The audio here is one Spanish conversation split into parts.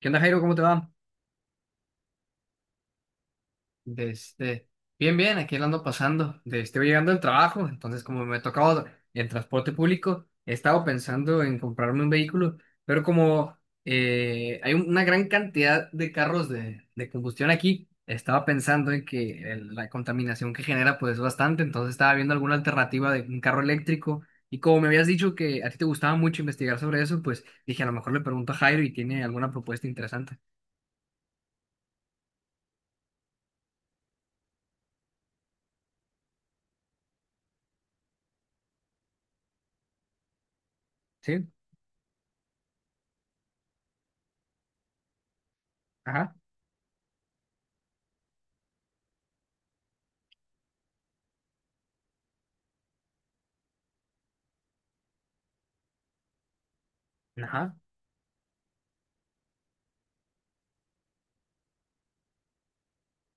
¿Qué onda, Jairo? ¿Cómo te va? De este, bien, bien, aquí la ando pasando. Estoy llegando al trabajo, entonces como me ha tocado el transporte público, he estado pensando en comprarme un vehículo, pero como hay una gran cantidad de carros de combustión aquí. Estaba pensando en que la contaminación que genera pues es bastante. Entonces estaba viendo alguna alternativa de un carro eléctrico, y como me habías dicho que a ti te gustaba mucho investigar sobre eso, pues dije a lo mejor le pregunto a Jairo y tiene alguna propuesta interesante. ¿Sí? Ajá. Ajá.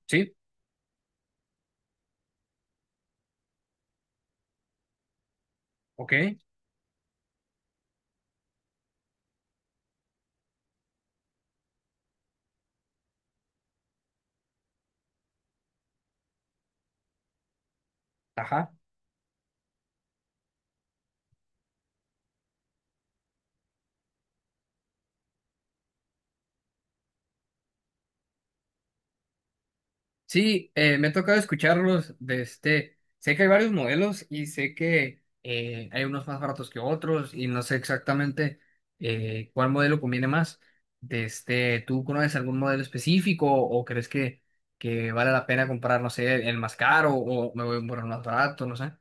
Sí, ok, ajá. Sí, me ha tocado escucharlos de este. Sé que hay varios modelos y sé que hay unos más baratos que otros, y no sé exactamente cuál modelo conviene más. ¿Tú conoces algún modelo específico o crees que vale la pena comprar, no sé, el más caro, o me voy por el más barato, no sé?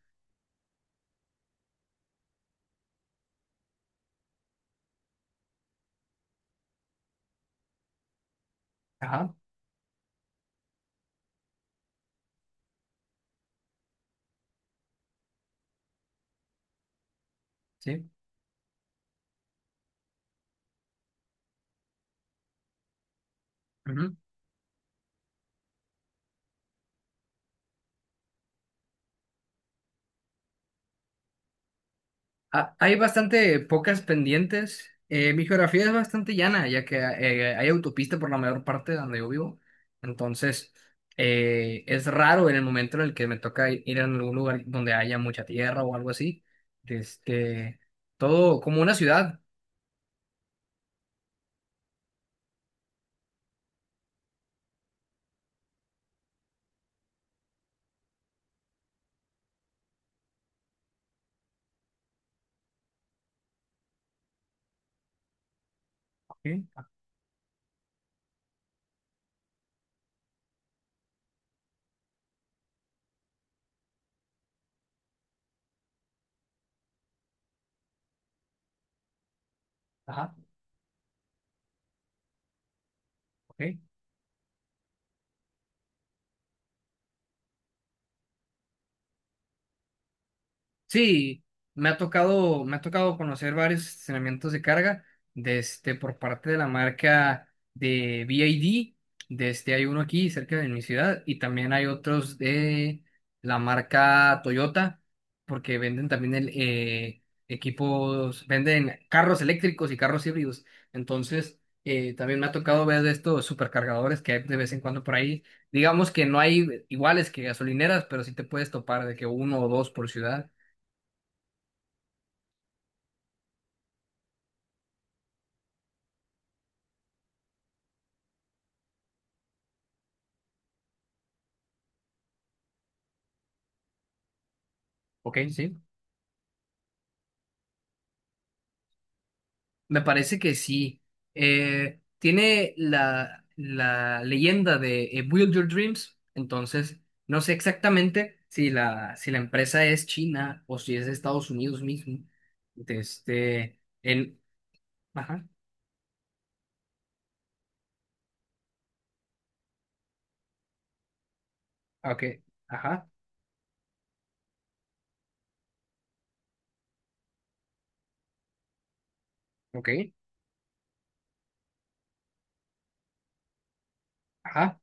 Ajá, sí. Ujú. Hay bastante pocas pendientes. Mi geografía es bastante llana, ya que hay autopista por la mayor parte de donde yo vivo. Entonces, es raro en el momento en el que me toca ir a algún lugar donde haya mucha tierra o algo así. Este, todo como una ciudad. Ok. Ajá, ok. Sí, me ha tocado conocer varios estacionamientos de carga por parte de la marca de BID. Hay uno aquí cerca de mi ciudad, y también hay otros de la marca Toyota, porque venden también equipos, venden carros eléctricos y carros híbridos. Entonces, también me ha tocado ver de estos supercargadores que hay de vez en cuando por ahí. Digamos que no hay iguales que gasolineras, pero sí te puedes topar de que uno o dos por ciudad. Ok, sí. Me parece que sí. Tiene la leyenda de Build Your Dreams. Entonces, no sé exactamente si la empresa es china, o si es de Estados Unidos mismo. De Este, en, ajá, ok, ajá, ok, ajá.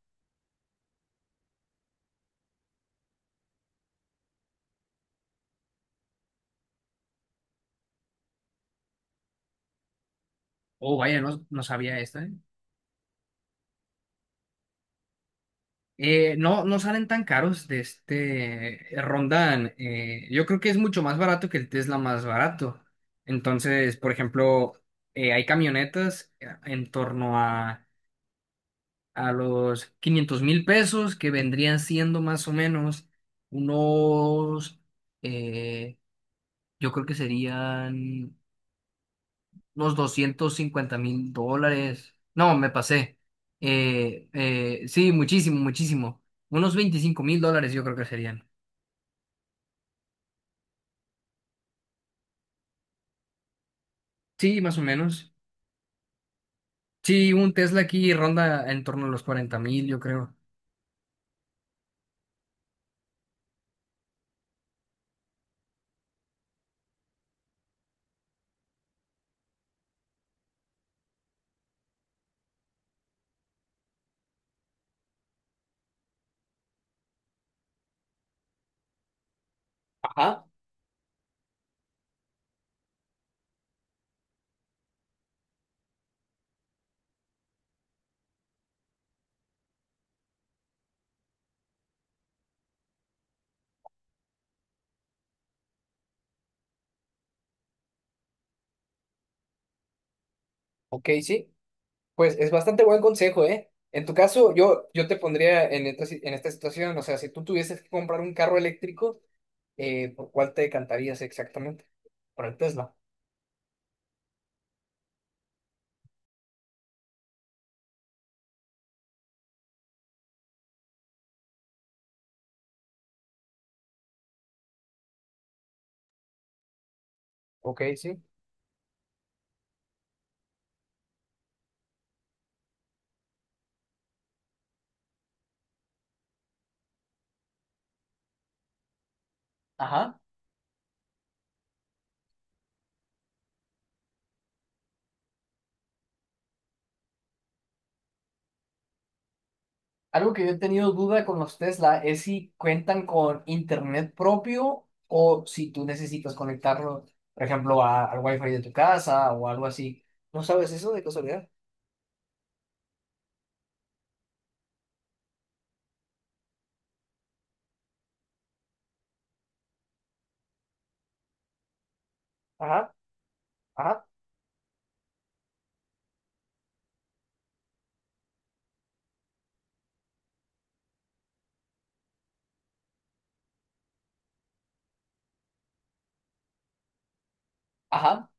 Oh, vaya, no, no sabía esta, ¿eh? No, no salen tan caros , rondan. Yo creo que es mucho más barato que el Tesla más barato. Entonces, por ejemplo, hay camionetas en torno a los 500,000 pesos, que vendrían siendo más o menos unos, eh, yo creo que serían unos $250,000. No, me pasé. Sí, muchísimo, muchísimo. Unos $25,000, yo creo que serían. Sí, más o menos. Sí, un Tesla aquí ronda en torno a los 40,000, yo creo. Ajá, ok, sí. Pues es bastante buen consejo, ¿eh? En tu caso, yo te pondría en esta situación, o sea, si tú tuvieses que comprar un carro eléctrico, ¿Por cuál te decantarías exactamente? Por el Tesla. Ok, sí. Ajá. Algo que yo he tenido duda con los Tesla es si cuentan con internet propio, o si tú necesitas conectarlo, por ejemplo, al wifi de tu casa o algo así. ¿No sabes eso de casualidad? Ajá, ajá. Ajá,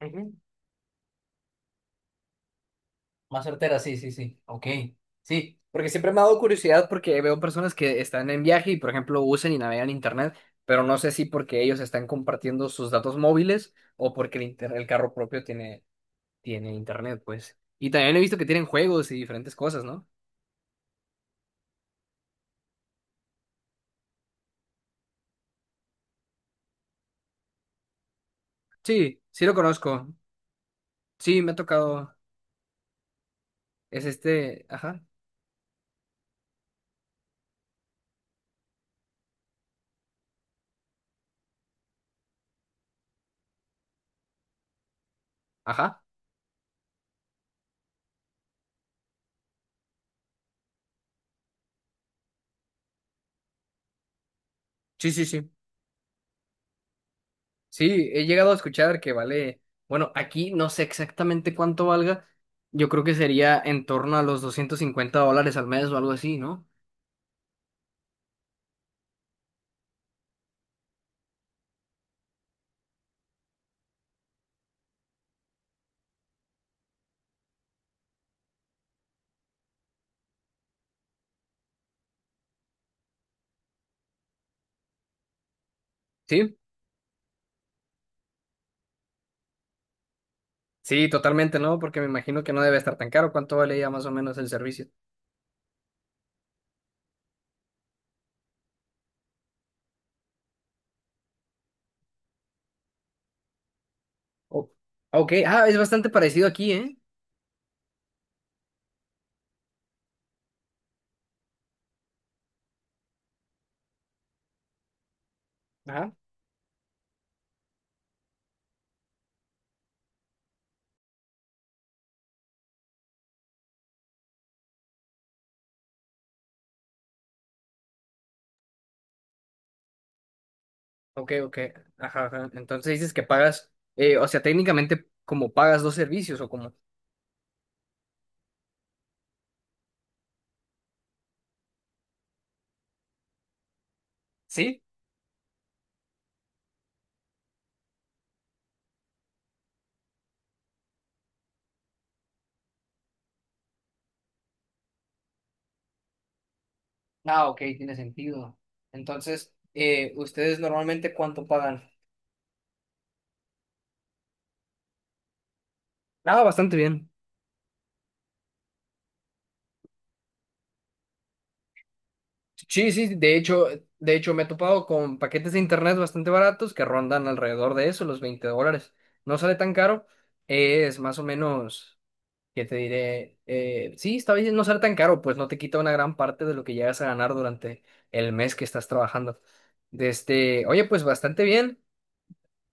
ujú. Más certera, sí, sí, sí. Ok, sí, porque siempre me ha dado curiosidad, porque veo personas que están en viaje y, por ejemplo, usan y navegan internet, pero no sé si porque ellos están compartiendo sus datos móviles, o porque el carro propio tiene internet, pues. Y también he visto que tienen juegos y diferentes cosas, ¿no? Sí, sí lo conozco. Sí, me ha tocado. Es este. Ajá. Ajá. Sí, sí, sí. Sí, he llegado a escuchar que vale. Bueno, aquí no sé exactamente cuánto valga. Yo creo que sería en torno a los $250 al mes o algo así, ¿no? Sí. Sí, totalmente, ¿no? Porque me imagino que no debe estar tan caro. ¿Cuánto vale ya más o menos el servicio? Oh, ok. Ah, es bastante parecido aquí, ¿eh? Ajá. Ok, ok. Ajá, ajá. Entonces dices que pagas, o sea, técnicamente como pagas dos servicios o como... Sí. Ah, ok, tiene sentido. Entonces, ¿Ustedes normalmente cuánto pagan? Ah, bastante bien. Sí, sí, de hecho me he topado con paquetes de internet bastante baratos, que rondan alrededor de eso, los $20. No sale tan caro, es más o menos... ¿Qué te diré? Sí, está bien no ser tan caro, pues no te quita una gran parte de lo que llegas a ganar durante el mes que estás trabajando. Desde, oye, pues bastante bien.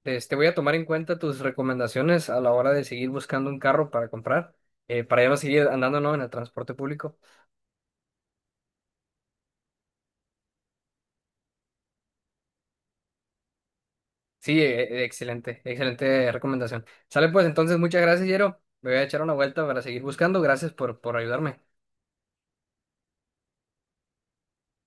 Voy a tomar en cuenta tus recomendaciones a la hora de seguir buscando un carro para comprar, para ya no seguir andando, ¿no?, en el transporte público. Sí, excelente, excelente recomendación. Sale pues entonces, muchas gracias, Yero. Me voy a echar una vuelta para seguir buscando. Gracias por ayudarme.